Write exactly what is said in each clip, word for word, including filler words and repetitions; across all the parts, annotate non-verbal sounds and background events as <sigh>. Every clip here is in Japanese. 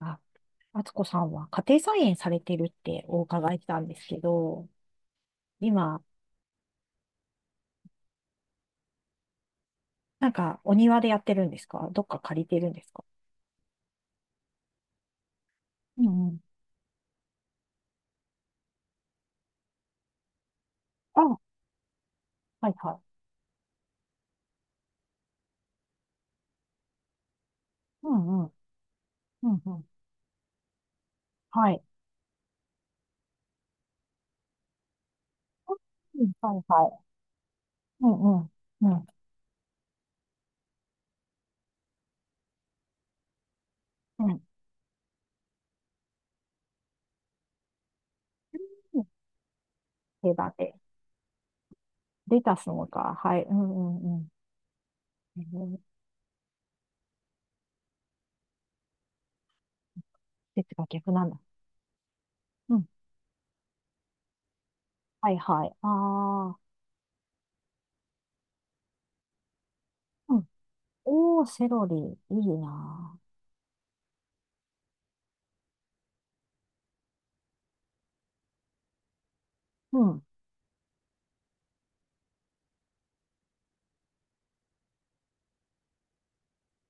あ、敦子さんは家庭菜園されてるってお伺いしたんですけど、今、なんかお庭でやってるんですか？どっか借りてるんですか？うんうん。あ、はいはい。うんうん。うんうん。はい。うんはいはい。うんうん。うん。うん。うん、手だて。レタスもか。はい。うんうんうん。えー、季節が逆なんだ。うんはいはい。ああ。うん、おー、セロリ。いいなー。うん。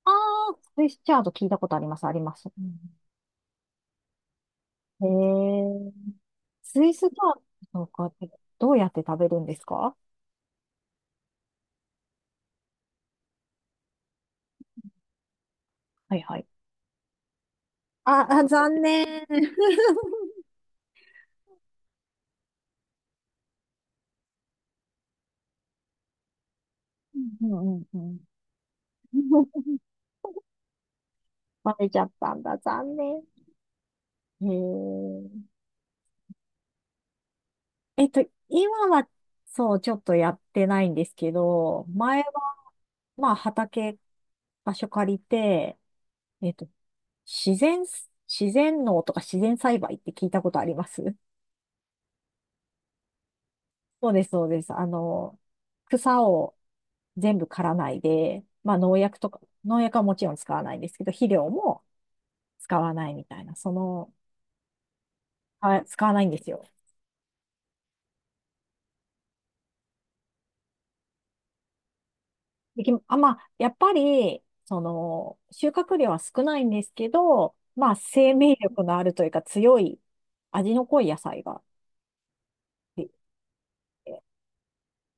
あ。ああ、スイスチャード聞いたことあります、あります。うん、へえ。スイスパンとかってどうやって食べるんですか？はいはい。あ、あ、残念。<laughs> うんうんうんうん。 <laughs> バレちゃったんだ。残念。へえ。えっと、今は、そう、ちょっとやってないんですけど、前は、まあ、畑、場所借りて、えっと、自然、自然農とか自然栽培って聞いたことあります？そうです、そうです。あの、草を全部刈らないで、まあ農薬とか、農薬はもちろん使わないんですけど、肥料も使わないみたいな、その、あ、使わないんですよ。できあ、まあ、やっぱり、その、収穫量は少ないんですけど、まあ、生命力のあるというか強い味の濃い野菜ができて、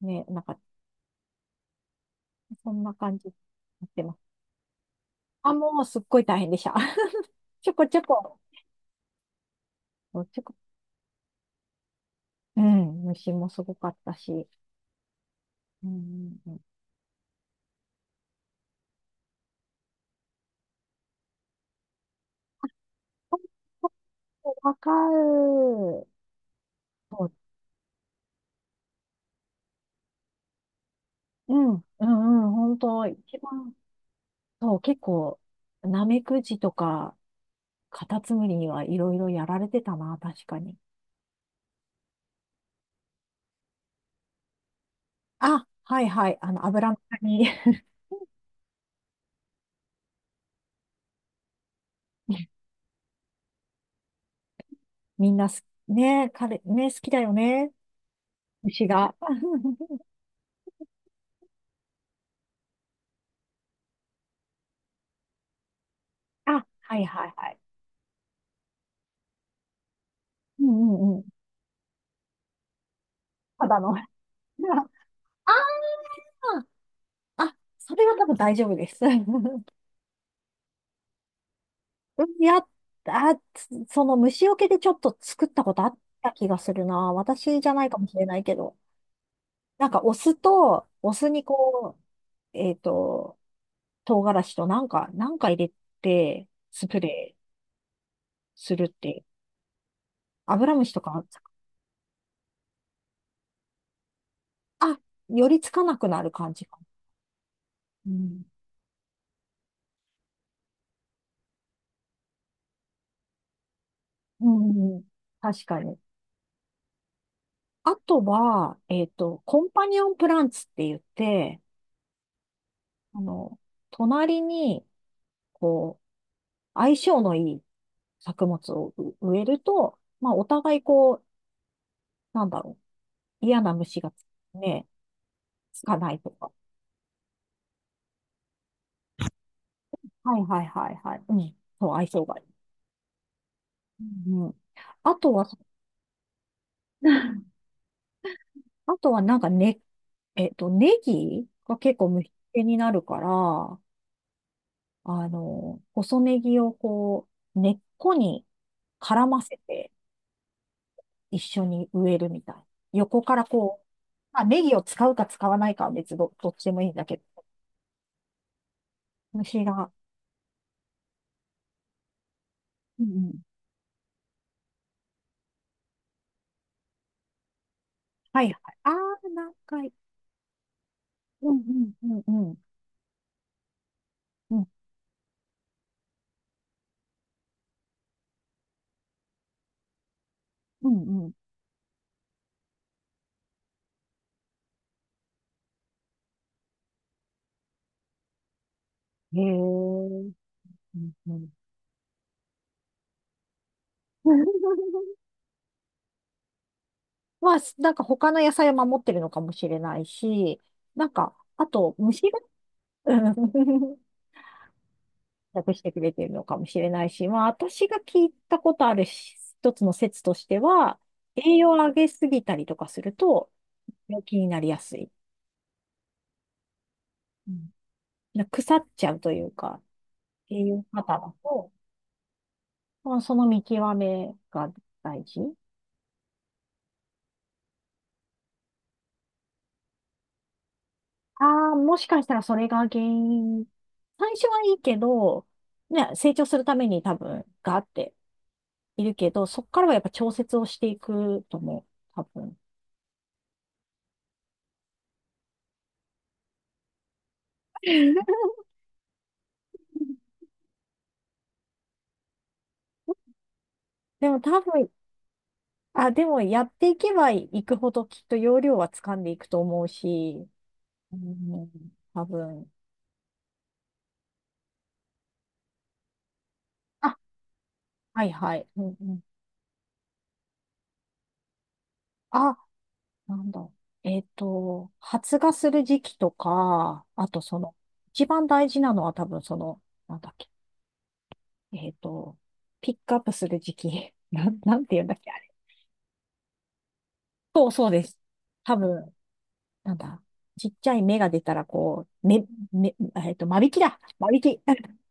ね、なんか、そんな感じになってます。あ、もうすっごい大変でした。<laughs> ちょこちょこ、ちょこ、うん、虫もすごかったし。うんうんうん。わかる。そう、うん、うん、うん、本当、一番、そう、結構、ナメクジとか、カタツムリにはいろいろやられてたな、確かに。あ、はいはい、あの、油の中に。 <laughs> みんなす、ね、彼、ね、好きだよね、牛が。<laughs> あ、はいはいはい。うんうんうん。ただの。<laughs> ああ、あ、それは多分大丈夫です。<laughs> うん、やっ、あ、つ、その虫除けでちょっと作ったことあった気がするな。私じゃないかもしれないけど。なんかお酢と、お酢にこう、えっと、唐辛子となんか、なんか入れて、スプレーするって、アブラムシとか、あ、寄りつかなくなる感じか。うんうん。うん、確かに。あとは、えっと、コンパニオンプランツって言って、あの、隣に、こう、相性のいい作物を植えると、まあ、お互いこう、なんだろう、嫌な虫がね、つかないとか。はいはいはいはい。うん。そう、相性がいい。うんうん。あとは、<laughs> あとはなんかね、えっと、ネギが結構虫けになるから、あの、細ネギをこう、根っこに絡ませて一緒に植えるみたい。横からこう、まあ、ネギを使うか使わないかは別ど、どっちでもいいんだけど、虫が。うんうん。はいはい。ああ、何回。うんうんうんうん。うんうんうん。へえ。うんうん。<laughs> まあ、なんか他の野菜を守ってるのかもしれないし、なんか、あと、虫が、うん、隠 <laughs> してくれてるのかもしれないし、まあ、私が聞いたことあるし、一つの説としては、栄養を上げすぎたりとかすると、病気になりやすい。うん、腐っちゃうというか、栄養過多だと、まあ、その見極めが大事。ああ、もしかしたらそれが原因。最初はいいけど、ね、成長するために多分、ガーっているけど、そこからはやっぱ調節をしていくと思う。多分。<laughs> でも多分、あ、でもやっていけばいくほどきっと要領は掴んでいくと思うし、うん、多分。あ、はいはい。うんうん、あ、なんだ。えっと、発芽する時期とか、あとその、一番大事なのは多分その、なんだっけ、えっと、ピックアップする時期。<laughs> なん、なんて言うんだっけ、あれ。<laughs> そうそうです。多分、なんだ。ちっちゃい芽が出たら、こう、め、め、えっと、間引きだ。間引き。<laughs>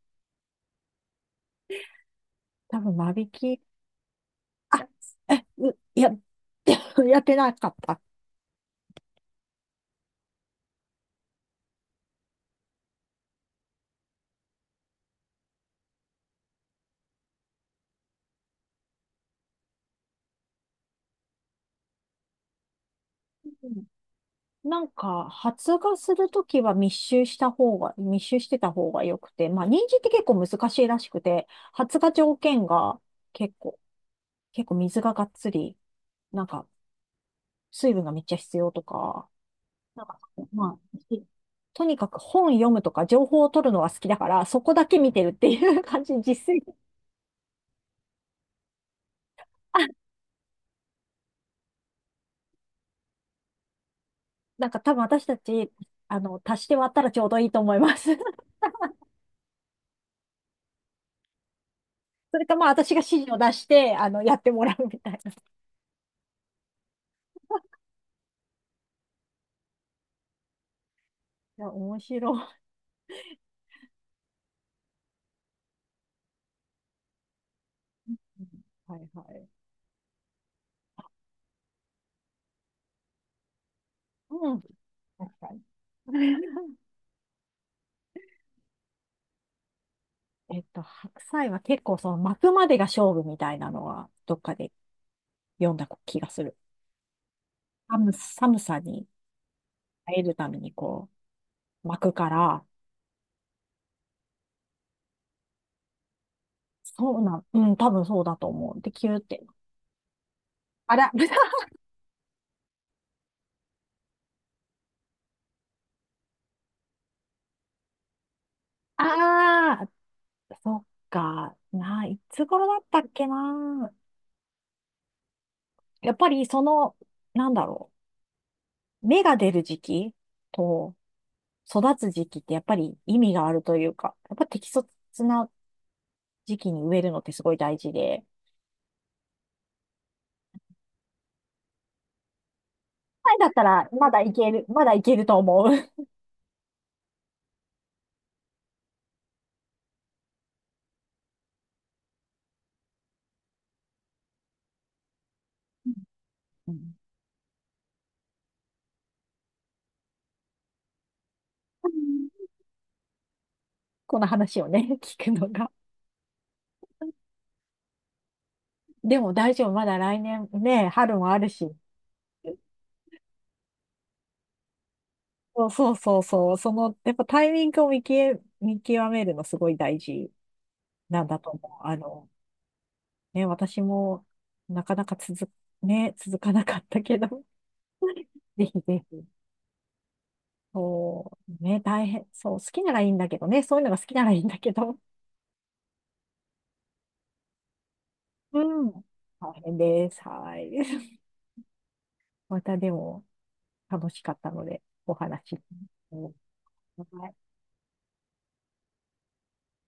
多分間引き。あ、え、う、や、<laughs> やってなかった。なんか、発芽するときは密集した方が、密集してた方が良くて、まあ、人参って結構難しいらしくて、発芽条件が結構、結構水ががっつり、なんか、水分がめっちゃ必要とか、なんか、まあ、とにかく本読むとか情報を取るのが好きだから、そこだけ見てるっていう感じ、実践。<laughs> なんか多分私たち、あの、足して割ったらちょうどいいと思います。<laughs> それかまあ私が指示を出して、あの、やってもらうみたいな。いや、面白い。はいはい。うん、確かに。<laughs> えっと、白菜は結構その巻くまでが勝負みたいなのはどっかで読んだ気がする。寒、寒さに耐えるためにこう巻くから、そうなん、うん、多分そうだと思う。で、キューって。あら、豚。 <laughs> ああ、そっか。ないつ頃だったっけな。やっぱりその、なんだろう。芽が出る時期と育つ時期ってやっぱり意味があるというか、やっぱ適切な時期に植えるのってすごい大事で、前だったらまだいける、まだいけると思う。<laughs> うん、この話をね、聞くのが。でも大丈夫、まだ来年ね、春もあるし。そうそうそうそう、その、やっぱタイミングを見き見極めるのすごい大事なんだと思う。あの、ね、私もなかなか続ね、続かなかったけど、<laughs> ぜひぜひ。そう、ね、大変、そう、好きならいいんだけどね、そういうのが好きならいいんだけど、うん。大変です。はい。<laughs> またでも楽しかったので、お話。うん